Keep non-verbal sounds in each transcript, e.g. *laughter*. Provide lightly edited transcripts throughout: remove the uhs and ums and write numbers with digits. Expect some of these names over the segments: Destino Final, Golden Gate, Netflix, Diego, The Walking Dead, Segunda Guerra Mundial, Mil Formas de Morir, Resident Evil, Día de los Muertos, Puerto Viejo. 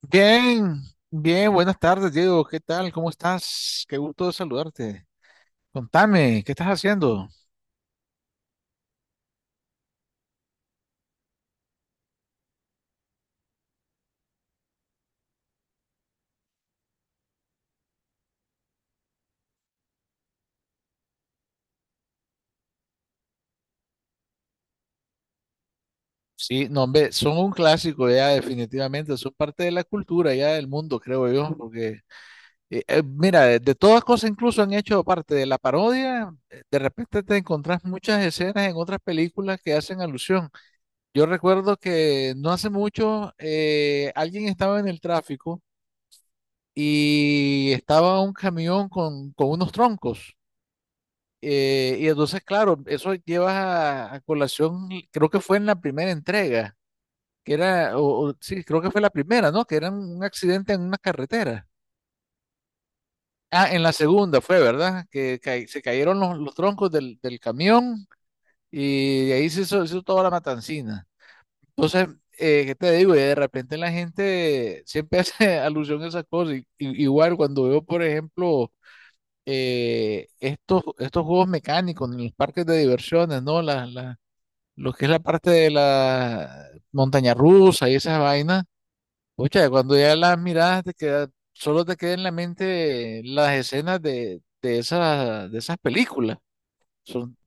Bien, bien, buenas tardes, Diego. ¿Qué tal? ¿Cómo estás? Qué gusto saludarte. Contame, ¿qué estás haciendo? Sí, no, hombre, son un clásico ya, definitivamente, son parte de la cultura ya del mundo, creo yo, porque, mira, de todas cosas incluso han hecho parte de la parodia, de repente te encontrás muchas escenas en otras películas que hacen alusión. Yo recuerdo que no hace mucho alguien estaba en el tráfico y estaba un camión con unos troncos. Y entonces, claro, eso llevas a colación, creo que fue en la primera entrega, que era, o sí, creo que fue la primera, ¿no? Que era un accidente en una carretera. Ah, en la segunda fue, ¿verdad? Se cayeron los troncos del camión y de ahí se hizo toda la matancina. Entonces, ¿qué te digo? Y de repente la gente siempre *laughs* hace alusión a esas cosas. Igual cuando veo, por ejemplo, estos juegos mecánicos en los parques de diversiones, ¿no? Lo que es la parte de la montaña rusa y esas vainas, pucha, cuando ya las miradas te queda, solo te quedan en la mente las escenas de esas películas. Son...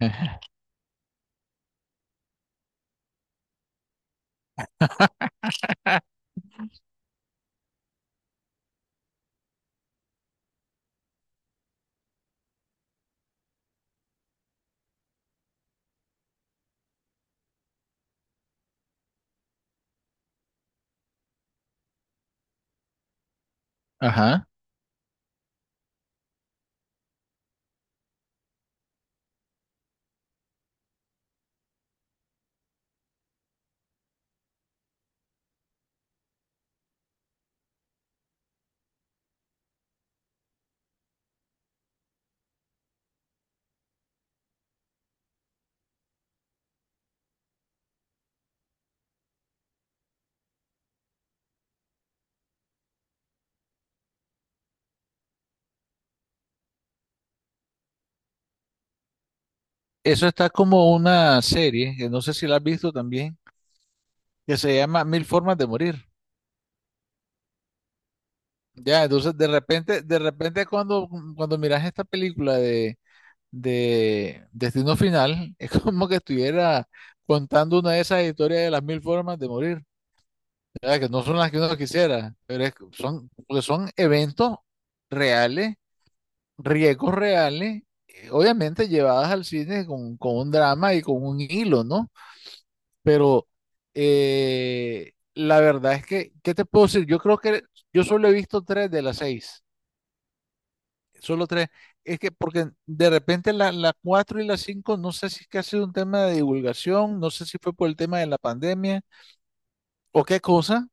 *laughs* Ajá. Eso está como una serie, que no sé si la has visto también, que se llama Mil Formas de Morir. Ya, entonces de repente cuando, cuando miras esta película de Destino Final, *laughs* es como que estuviera contando una de esas historias de las mil formas de morir. ¿Verdad? Que no son las que uno quisiera, pero es que son, porque son eventos reales, riesgos reales, obviamente llevadas al cine con un drama y con un hilo, ¿no? Pero la verdad es que, ¿qué te puedo decir? Yo creo que yo solo he visto tres de las seis, solo tres. Es que porque de repente la cuatro y la cinco, no sé si es que ha sido un tema de divulgación, no sé si fue por el tema de la pandemia o qué cosa.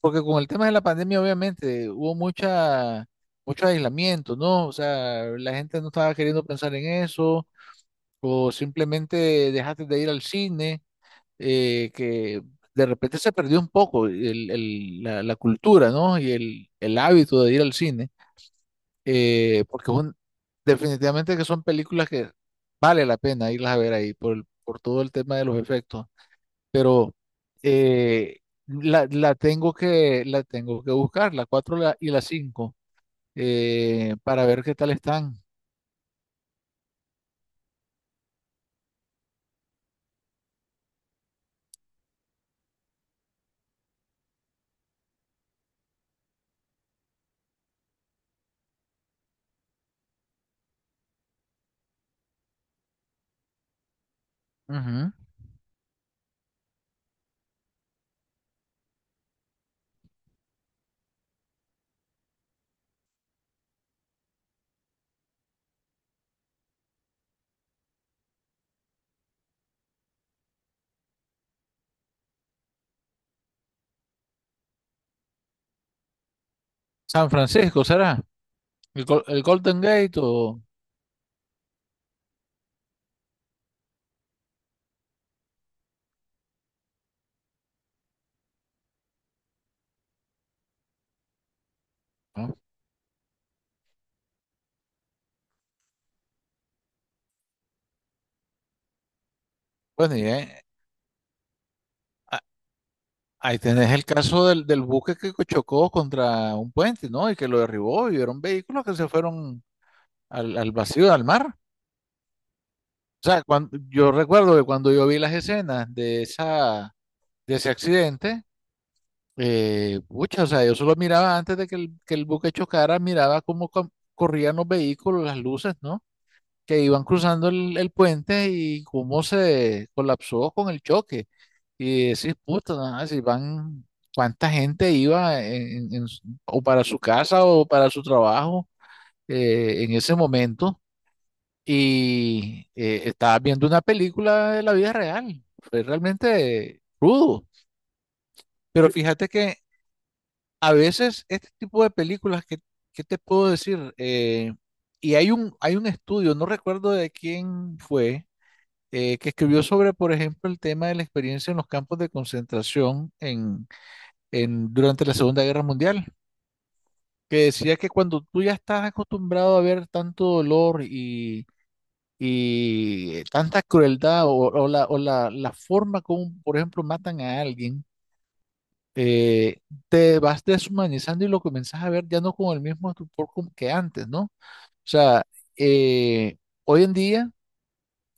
Porque con el tema de la pandemia, obviamente, hubo mucha, mucho aislamiento, ¿no? O sea, la gente no estaba queriendo pensar en eso, o simplemente dejaste de ir al cine, que de repente se perdió un poco la cultura, ¿no? Y el hábito de ir al cine, porque es definitivamente que son películas que vale la pena irlas a ver ahí por, por todo el tema de los efectos. Pero eh, la, la tengo que buscar, la 4 y la cinco, para ver qué tal están. Ujú. San Francisco, ¿será? ¿El, el Golden Gate o...? ¿No? Bueno, y a- ahí tenés el caso del buque que chocó contra un puente, ¿no? Y que lo derribó y eran vehículos que se fueron al vacío, al mar. O sea, cuando, yo recuerdo que cuando yo vi las escenas de, esa, de ese accidente. Pucha, o sea, yo solo miraba antes de que que el buque chocara, miraba cómo corrían los vehículos, las luces, ¿no? Que iban cruzando el puente y cómo se colapsó con el choque. Y decís, puta, nada, si van, cuánta gente iba o para su casa o para su trabajo en ese momento. Y estaba viendo una película de la vida real. Fue realmente crudo. Pero fíjate que a veces este tipo de películas, que ¿qué te puedo decir? Y hay hay un estudio, no recuerdo de quién fue, que escribió sobre, por ejemplo, el tema de la experiencia en los campos de concentración en, durante la Segunda Guerra Mundial, que decía que cuando tú ya estás acostumbrado a ver tanto dolor y tanta crueldad o, o la, la forma como, por ejemplo, matan a alguien, eh, te vas deshumanizando y lo comienzas a ver ya no con el mismo estupor como que antes, ¿no? O sea, eh, hoy en día,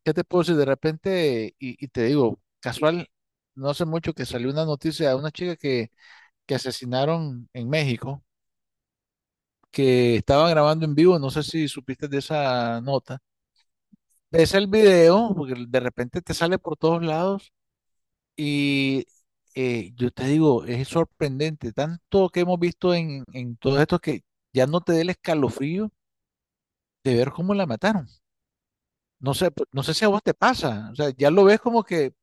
¿qué te puedo decir? De repente, y te digo, casual, no hace mucho que salió una noticia de una chica que asesinaron en México, que estaban grabando en vivo, no sé si supiste de esa nota. Ves el video, porque de repente te sale por todos lados. Y yo te digo, es sorprendente, tanto que hemos visto en todo esto que ya no te dé el escalofrío de ver cómo la mataron. No sé, no sé si a vos te pasa, o sea, ya lo ves como que,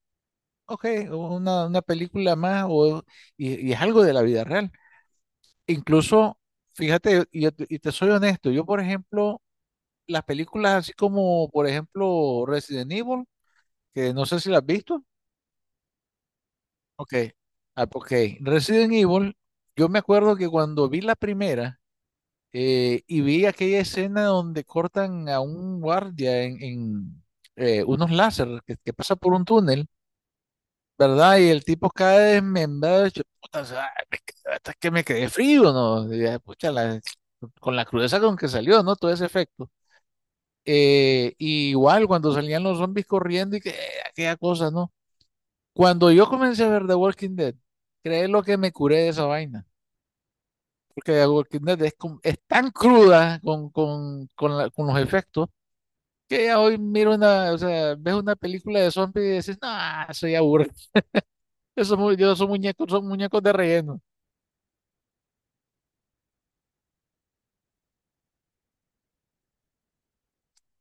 ok, una película más o, y es algo de la vida real. Incluso, fíjate, y, yo te y te soy honesto, yo por ejemplo, las películas así como, por ejemplo, Resident Evil, que no sé si las has visto. Ok, ah, ok. Resident Evil, yo me acuerdo que cuando vi la primera, y vi aquella escena donde cortan a un guardia unos láser que pasa por un túnel, ¿verdad? Y el tipo cae desmembrado, yo, puta, o sea, hasta que me quedé frío, ¿no? Y dije, pucha, con la crudeza con que salió, ¿no? Todo ese efecto. Y igual cuando salían los zombies corriendo y que, aquella cosa, ¿no? Cuando yo comencé a ver The Walking Dead, creé lo que me curé de esa vaina. Porque The Walking Dead es, es tan cruda con los efectos que ya hoy miro una, o sea, ves una película de zombies y dices, no, soy aburrido. Esos, esos muñecos son muñecos de relleno.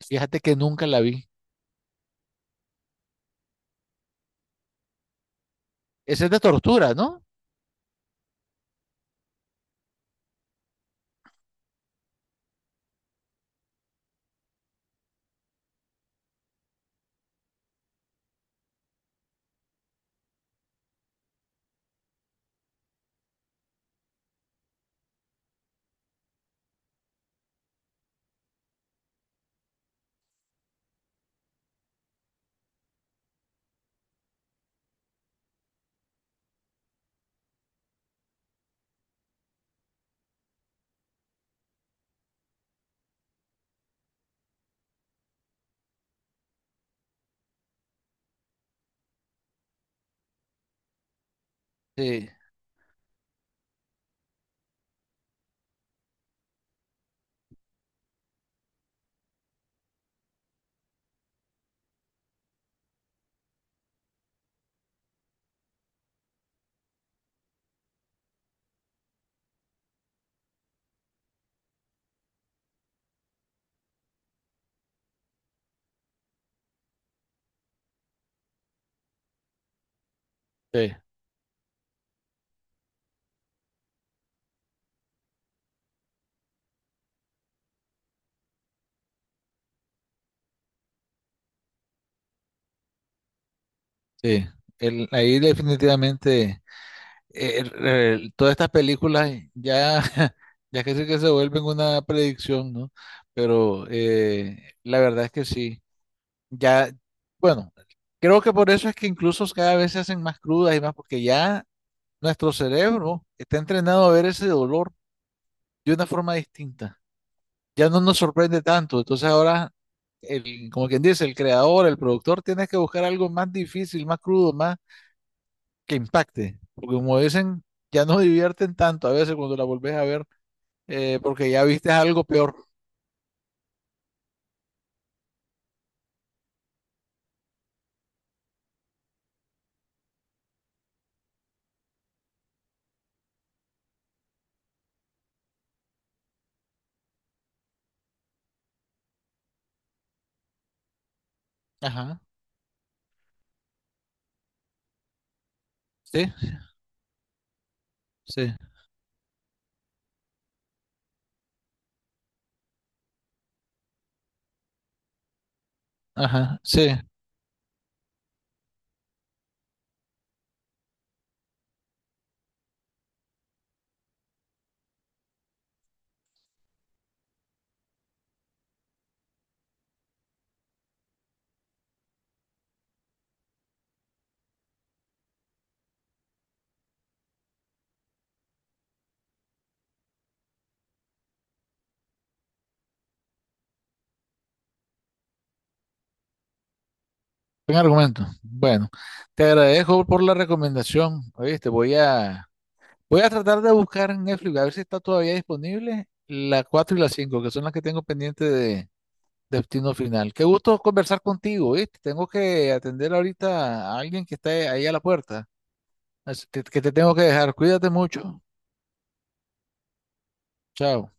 Fíjate que nunca la vi. Esa es de tortura, ¿no? Sí, sí, sí. El- ahí definitivamente. Todas estas películas ya, *laughs* ya casi que se vuelven una predicción, ¿no? Pero la verdad es que sí, ya, bueno, creo que por eso es que incluso cada vez se hacen más crudas y más, porque ya nuestro cerebro está entrenado a ver ese dolor de una forma distinta, ya no nos sorprende tanto, entonces ahora, como quien dice, el creador, el productor, tiene que buscar algo más difícil, más crudo, más que impacte. Porque como dicen, ya no *laughs* divierten tanto a veces cuando la volvés a ver, porque ya viste algo peor. Ajá, sí, sí, ajá, sí. Buen argumento. Bueno, te agradezco por la recomendación. Oíste, voy a, voy a tratar de buscar en Netflix a ver si está todavía disponible la 4 y la 5 que son las que tengo pendiente de Destino Final. Qué gusto conversar contigo, ¿viste? Tengo que atender ahorita a alguien que está ahí a la puerta. Así que te tengo que dejar. Cuídate mucho. Chao.